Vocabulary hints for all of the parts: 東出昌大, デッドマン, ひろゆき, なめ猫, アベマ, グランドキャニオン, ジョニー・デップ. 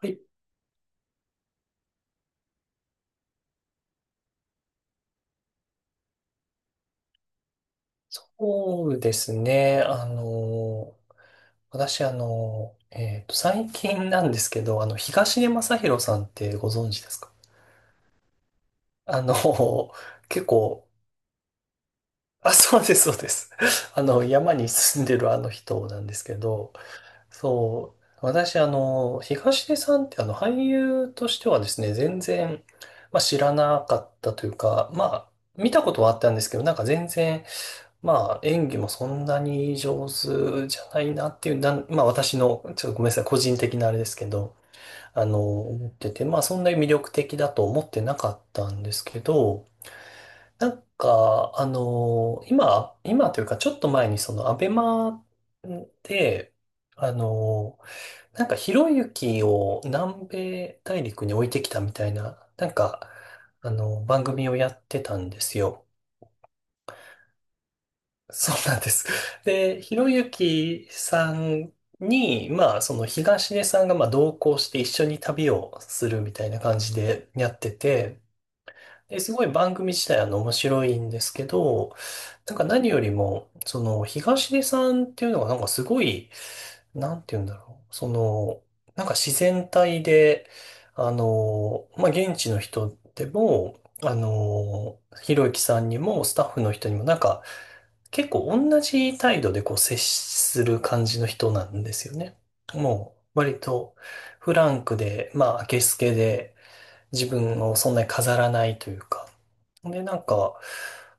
はい、そうですね。私、最近なんですけど、東出昌大さんってご存知ですか？あの、結構、あ、そうです、そうです。山に住んでるあの人なんですけど、そう、私、東出さんって、俳優としてはですね、全然、まあ、知らなかったというか、まあ、見たことはあったんですけど、なんか全然、まあ、演技もそんなに上手じゃないなっていう、まあ私の、ちょっとごめんなさい、個人的なあれですけど、思ってて、まあそんなに魅力的だと思ってなかったんですけど、なんか、今というかちょっと前にそのアベマで、あの、なんかひろゆきを南米大陸に置いてきたみたいな、なんか、番組をやってたんですよ。そうなんです。で、ひろゆきさんに、まあ、その東出さんがまあ同行して一緒に旅をするみたいな感じでやってて、で、すごい番組自体は面白いんですけど、なんか何よりも、その東出さんっていうのがなんかすごい、なんて言うんだろう。その、なんか自然体で、まあ、現地の人でも、ひろゆきさんにもスタッフの人にもなんか結構同じ態度でこう接する感じの人なんですよね。もう割とフランクで、まあ、明けすけで、自分をそんなに飾らないというか。で、なんか、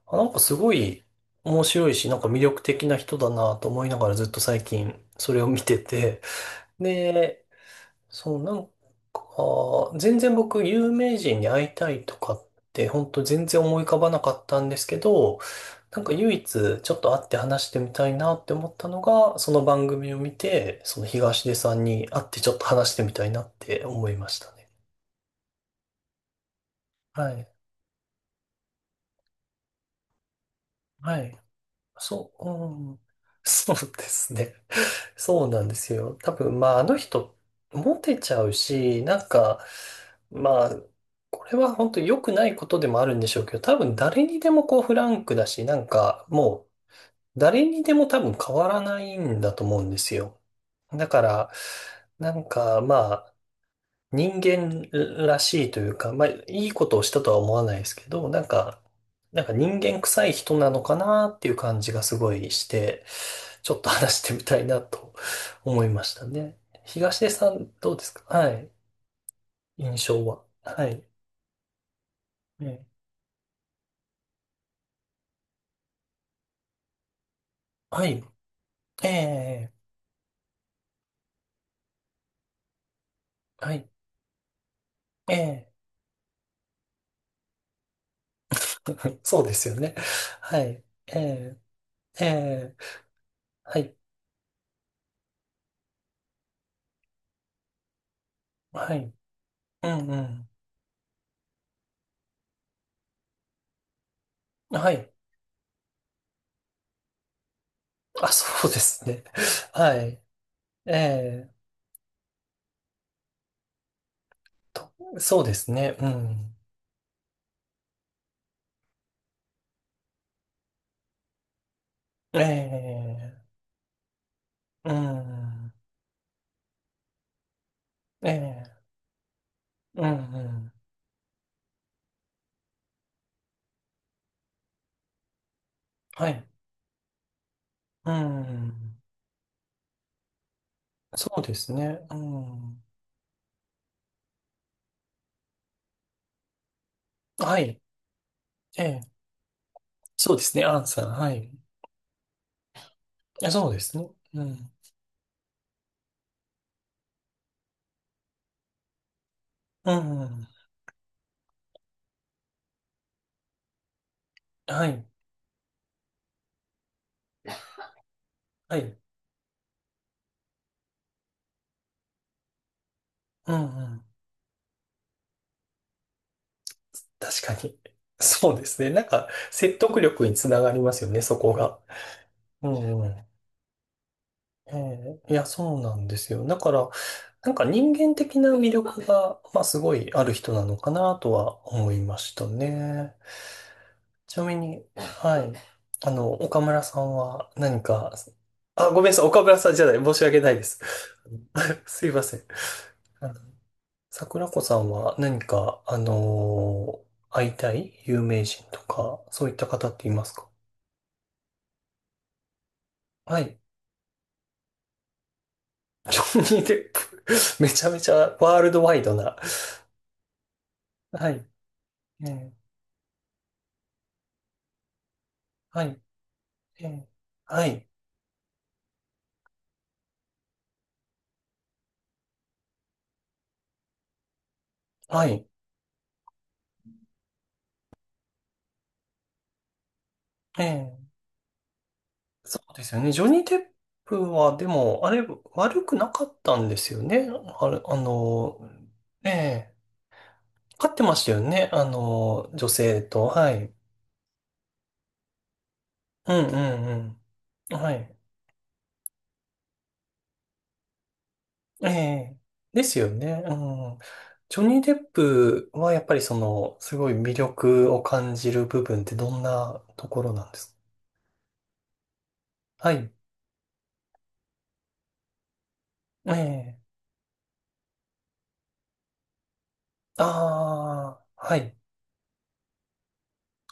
なんかすごい面白いし、なんか魅力的な人だなと思いながらずっと最近それを見てて。で、そう、なんか、全然僕有名人に会いたいとかって本当全然思い浮かばなかったんですけど、なんか唯一ちょっと会って話してみたいなって思ったのが、その番組を見て、その東出さんに会ってちょっと話してみたいなって思いましたね。はい。はい。そう、うん、そうですね。そうなんですよ。多分、まあ、あの人、モテちゃうし、なんか、まあ、これは本当に良くないことでもあるんでしょうけど、多分誰にでもこうフランクだし、なんかもう誰にでも多分変わらないんだと思うんですよ。だから、なんかまあ、人間らしいというか、まあ、いいことをしたとは思わないですけど、なんか、なんか人間臭い人なのかなっていう感じがすごいして、ちょっと話してみたいなと思いましたね。東出さん、どうですか？はい。印象は。はい。ええ、はい。ええ、はい。ええ。 そうですよね。はい。ええ、ええ、はい。はい。うんうん。はい。あ、そうですね。はい。ええと、そうですね。うん。ええ、うん。ええ、うん、うん。はい。うん。そうですね。うん。はい。ええ、そうですね。アンさん。はい。え、そうですね。うん。うん。はい。はい。うん、うん。確かに。そうですね。なんか、説得力につながりますよね、そこが。うん。ええ、いや、そうなんですよ。だから、なんか人間的な魅力が、まあ、すごいある人なのかなとは思いましたね。ちなみに、はい。岡村さんは何か、あ、ごめんなさい。岡村さんじゃない。申し訳ないです。すいません。あの、桜子さんは何か、会いたい有名人とか、そういった方っていますか？はい。ジョニー・デップ。めちゃめちゃワールドワイドな。はい。ええ、はい。ええ、はい。はい。ええ、そうですよね。ジョニー・テップは、でも、あれ、悪くなかったんですよね。あれ、ええ、勝ってましたよね。女性と。はい。うんうんうん。はい。ええ、ですよね。うん。ジョニー・デップは、やっぱりその、すごい魅力を感じる部分ってどんなところなんですか？はい。ええ、ああ、はい。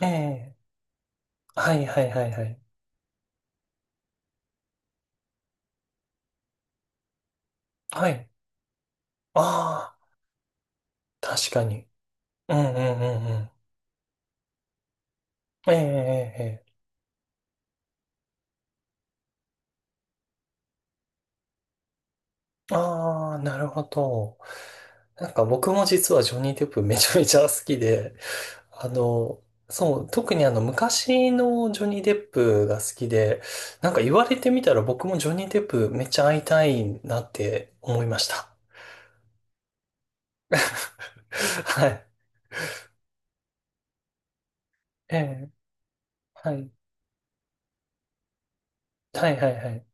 ええ、はいはいはいはい。はい。ああ、確かに。うんうんうんうん。ええええええ。ああ、なるほど。なんか僕も実はジョニー・デップめちゃめちゃ好きで、あの、そう、特にあの昔のジョニー・デップが好きで、なんか言われてみたら僕もジョニー・デップめっちゃ会いたいなって思いました。はい。ええ、はい。はいはいはい。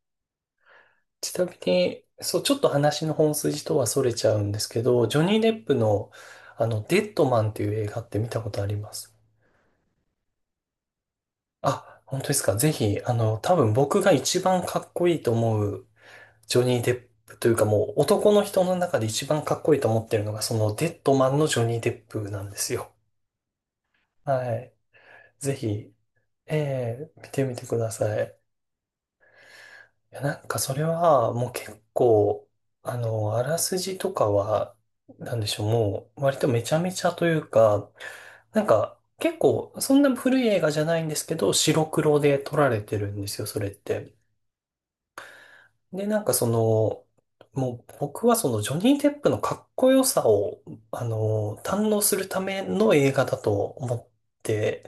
ちなみに、そう、ちょっと話の本筋とは逸れちゃうんですけど、ジョニー・デップの、デッドマンっていう映画って見たことあります？あ、本当ですか。ぜひ、多分僕が一番かっこいいと思うジョニー・デップというかもう男の人の中で一番かっこいいと思ってるのが、そのデッドマンのジョニー・デップなんですよ。はい。ぜひ、見てみてください。いや、なんかそれはもう結構、あらすじとかは、なんでしょう、もう割とめちゃめちゃというか、なんか結構そんな古い映画じゃないんですけど、白黒で撮られてるんですよ、それって。で、なんかその、もう僕はそのジョニー・デップのかっこよさを、堪能するための映画だと思って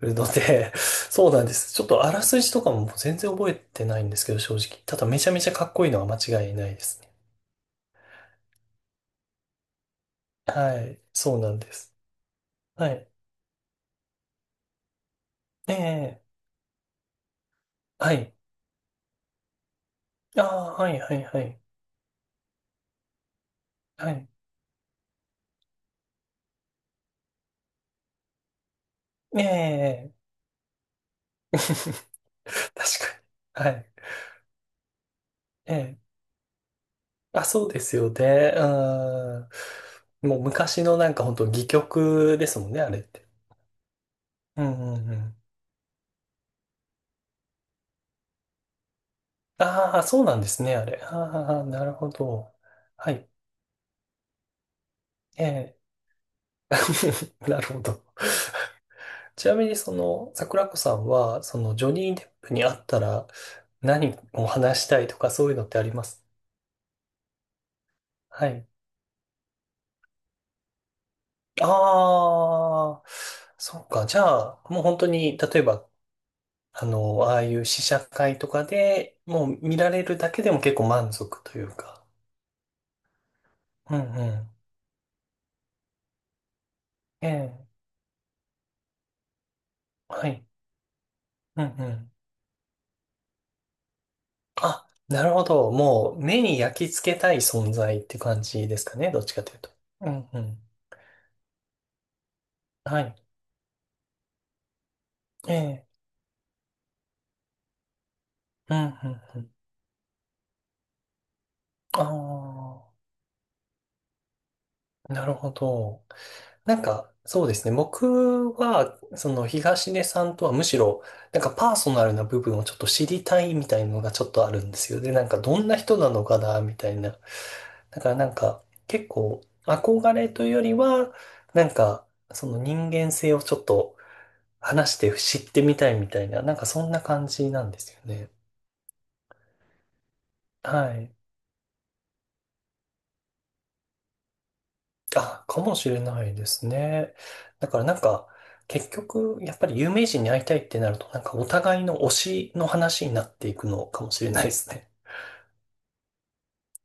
るので、そうなんです。ちょっとあらすじとかも全然覚えてないんですけど、正直。ただめちゃめちゃかっこいいのは間違いないですね。はい。そうなんです。はい。ええ、はい。ああ、はい、はい、はい。はい。ええ。 確かに。はい。ええ、あ、そうですよね。うん。もう昔のなんか本当戯曲ですもんね、あれって。うんうんうん。ああ、そうなんですね、あれ。ああ、なるほど。はい。ええ。 なるほど。ちなみにその、桜子さんは、そのジョニー・デップに会ったら何を話したいとかそういうのってあります？はい。ああ、そうか。じゃあ、もう本当に、例えばあの、ああいう試写会とかでもう見られるだけでも結構満足というか。うんうん。ええ。はい。うんうん。あ、なるほど。もう目に焼き付けたい存在って感じですかね。どっちかというと。うんうん。はい。ええ。うんうんうん。ああ、なるほど。なんか、そうですね。僕は、その東根さんとはむしろ、なんかパーソナルな部分をちょっと知りたいみたいなのがちょっとあるんですよ。で、なんかどんな人なのかな、みたいな。だからなんか、結構、憧れというよりは、なんか、その人間性をちょっと話して知ってみたいみたいな、なんかそんな感じなんですよね。はい。あ、かもしれないですね。だからなんか、結局、やっぱり有名人に会いたいってなると、なんかお互いの推しの話になっていくのかもしれないですね。